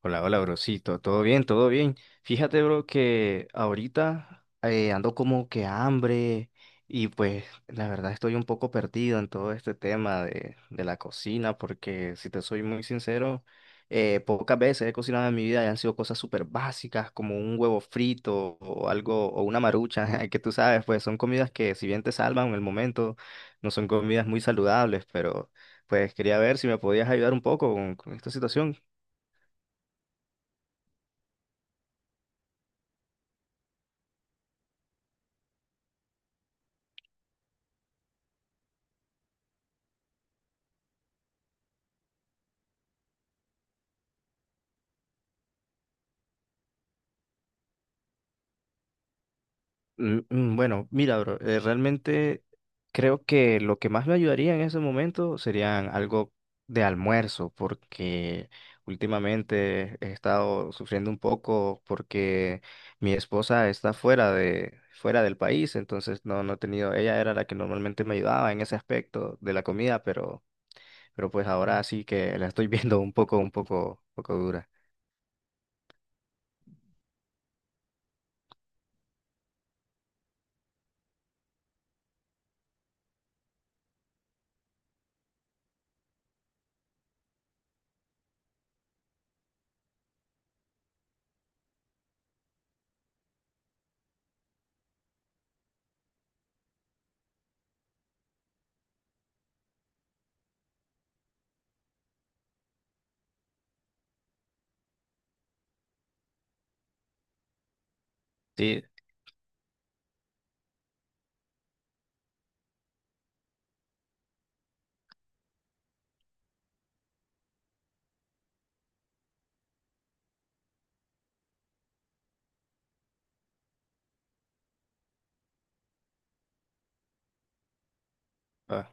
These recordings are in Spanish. Hola, hola, brocito. Todo bien, todo bien. Fíjate, bro, que ahorita ando como que hambre, y pues la verdad estoy un poco perdido en todo este tema de la cocina porque si te soy muy sincero, pocas veces he cocinado en mi vida y han sido cosas súper básicas como un huevo frito o algo o una marucha, que tú sabes, pues son comidas que si bien te salvan en el momento, no son comidas muy saludables, pero pues quería ver si me podías ayudar un poco con esta situación. Bueno, mira, bro, realmente creo que lo que más me ayudaría en ese momento serían algo de almuerzo, porque últimamente he estado sufriendo un poco porque mi esposa está fuera del país, entonces no he tenido, ella era la que normalmente me ayudaba en ese aspecto de la comida, pero pues ahora sí que la estoy viendo un poco dura. Sí. Ah.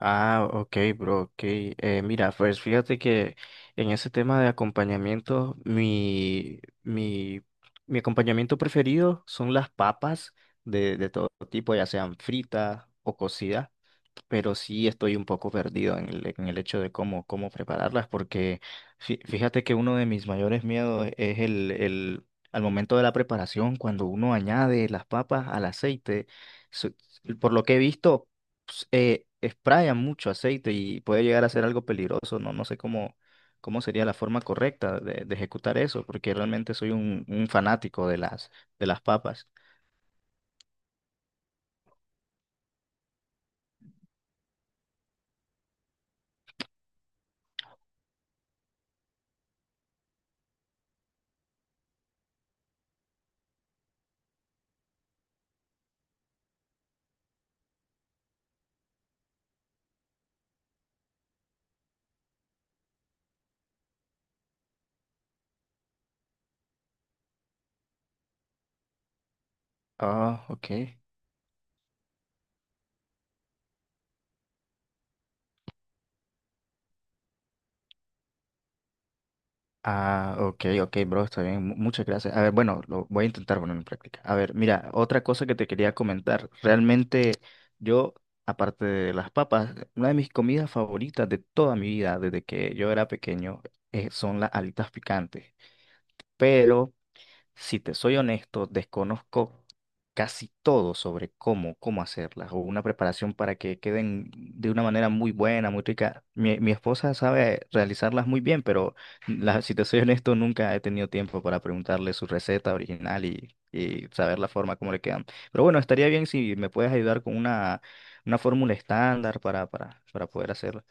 Ah, ok, bro, ok. Mira, pues fíjate que en ese tema de acompañamiento, mi acompañamiento preferido son las papas de todo tipo, ya sean fritas o cocidas, pero sí estoy un poco perdido en el hecho de cómo prepararlas, porque fíjate que uno de mis mayores miedos es al momento de la preparación, cuando uno añade las papas al aceite, su- por lo que he visto, pues, sprayan mucho aceite y puede llegar a ser algo peligroso, no sé cómo sería la forma correcta de ejecutar eso, porque realmente soy un fanático de de las papas. Ah, ok. Ah, ok, ok, bro, está bien. Muchas gracias. A ver, bueno, lo voy a intentar poner en práctica. A ver, mira, otra cosa que te quería comentar. Realmente yo, aparte de las papas, una de mis comidas favoritas de toda mi vida, desde que yo era pequeño, son las alitas picantes. Pero si te soy honesto, desconozco casi todo sobre cómo hacerlas o una preparación para que queden de una manera muy buena, muy rica. Mi esposa sabe realizarlas muy bien, pero si te soy honesto, nunca he tenido tiempo para preguntarle su receta original y saber la forma como le quedan. Pero bueno, estaría bien si me puedes ayudar con una fórmula estándar para poder hacerlo.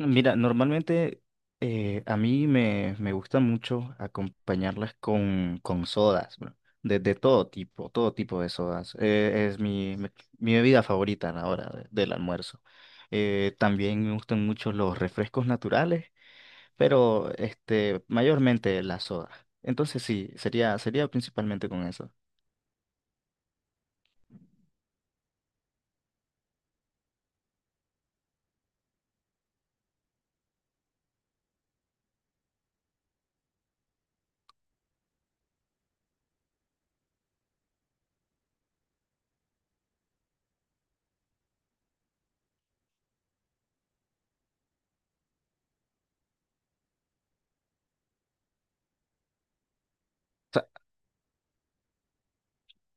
Mira, normalmente a mí me gusta mucho acompañarlas con sodas, bro. De todo tipo de sodas. Mi bebida favorita a del almuerzo. También me gustan mucho los refrescos naturales, pero este, mayormente las sodas. Entonces sí, sería principalmente con eso.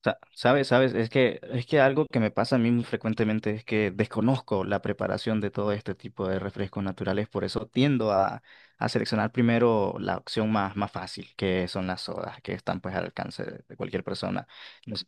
Sabes, es que algo que me pasa a mí muy frecuentemente es que desconozco la preparación de todo este tipo de refrescos naturales, por eso tiendo a seleccionar primero la opción más fácil, que son las sodas, que están pues al alcance de cualquier persona. No sé.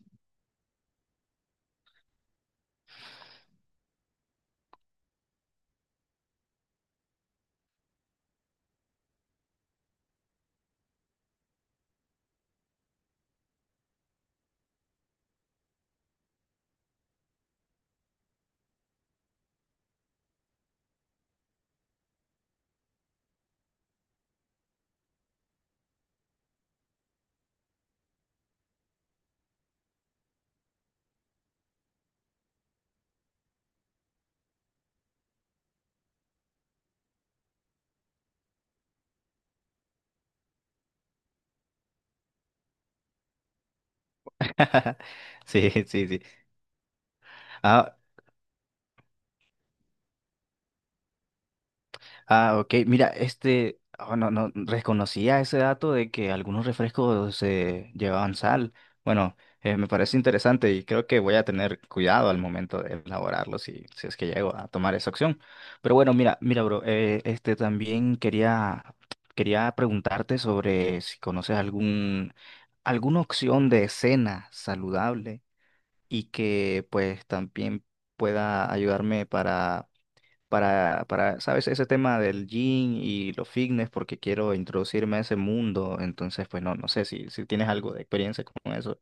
Sí, sí, sí. Ah. Ah, ok. Mira, este, oh, no reconocía ese dato de que algunos refrescos llevaban sal. Bueno, me parece interesante y creo que voy a tener cuidado al momento de elaborarlo si es que llego a tomar esa opción. Pero bueno, mira, bro, quería preguntarte sobre si conoces alguna opción de cena saludable y que pues también pueda ayudarme ¿sabes? Ese tema del gym y los fitness, porque quiero introducirme a ese mundo. Entonces, pues no sé si tienes algo de experiencia con eso.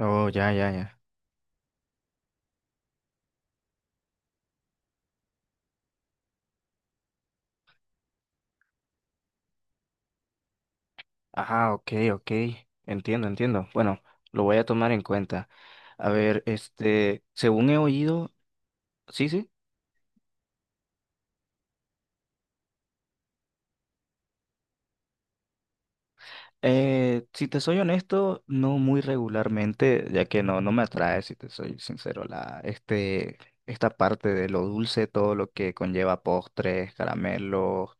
Oh, ya, ya, ya. Ajá, ok, ok. Entiendo, entiendo. Bueno, lo voy a tomar en cuenta. A ver, este, según he oído, sí, sí. Si te soy honesto, no muy regularmente, ya que no me atrae, si te soy sincero, la, este, esta parte de lo dulce, todo lo que conlleva postres, caramelos,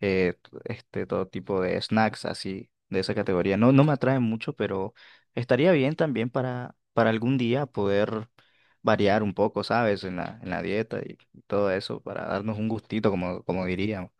este, todo tipo de snacks así, de esa categoría. No me atrae mucho, pero estaría bien también para algún día poder variar un poco, ¿sabes? En en la dieta y todo eso, para darnos un gustito, como diríamos.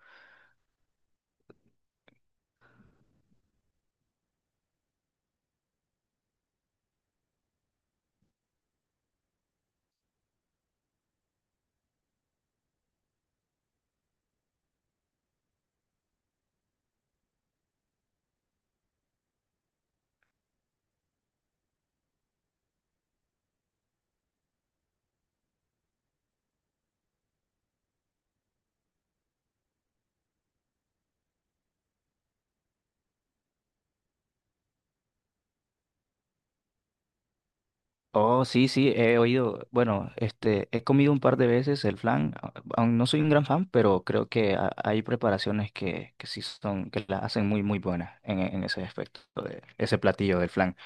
Oh, sí, sí, he oído. Bueno, este, he comido un par de veces el flan. Aún no soy un gran fan, pero creo que hay preparaciones que sí son, que la hacen muy buenas en, en ese aspecto de ese platillo del flan.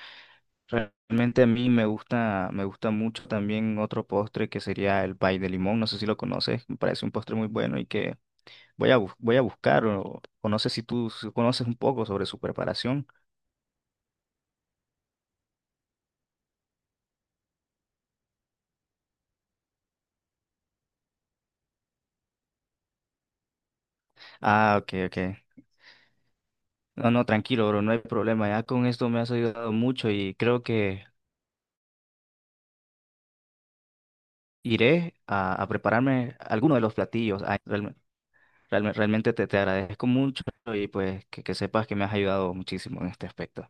Realmente a mí me gusta mucho también otro postre que sería el pay de limón. No sé si lo conoces, me parece un postre muy bueno y que voy voy a buscar o no sé si conoces un poco sobre su preparación. Ah, ok, ok. No, no, tranquilo, bro, no hay problema. Ya con esto me has ayudado mucho y creo que iré a prepararme alguno de los platillos. Realmente te agradezco mucho y pues que sepas que me has ayudado muchísimo en este aspecto.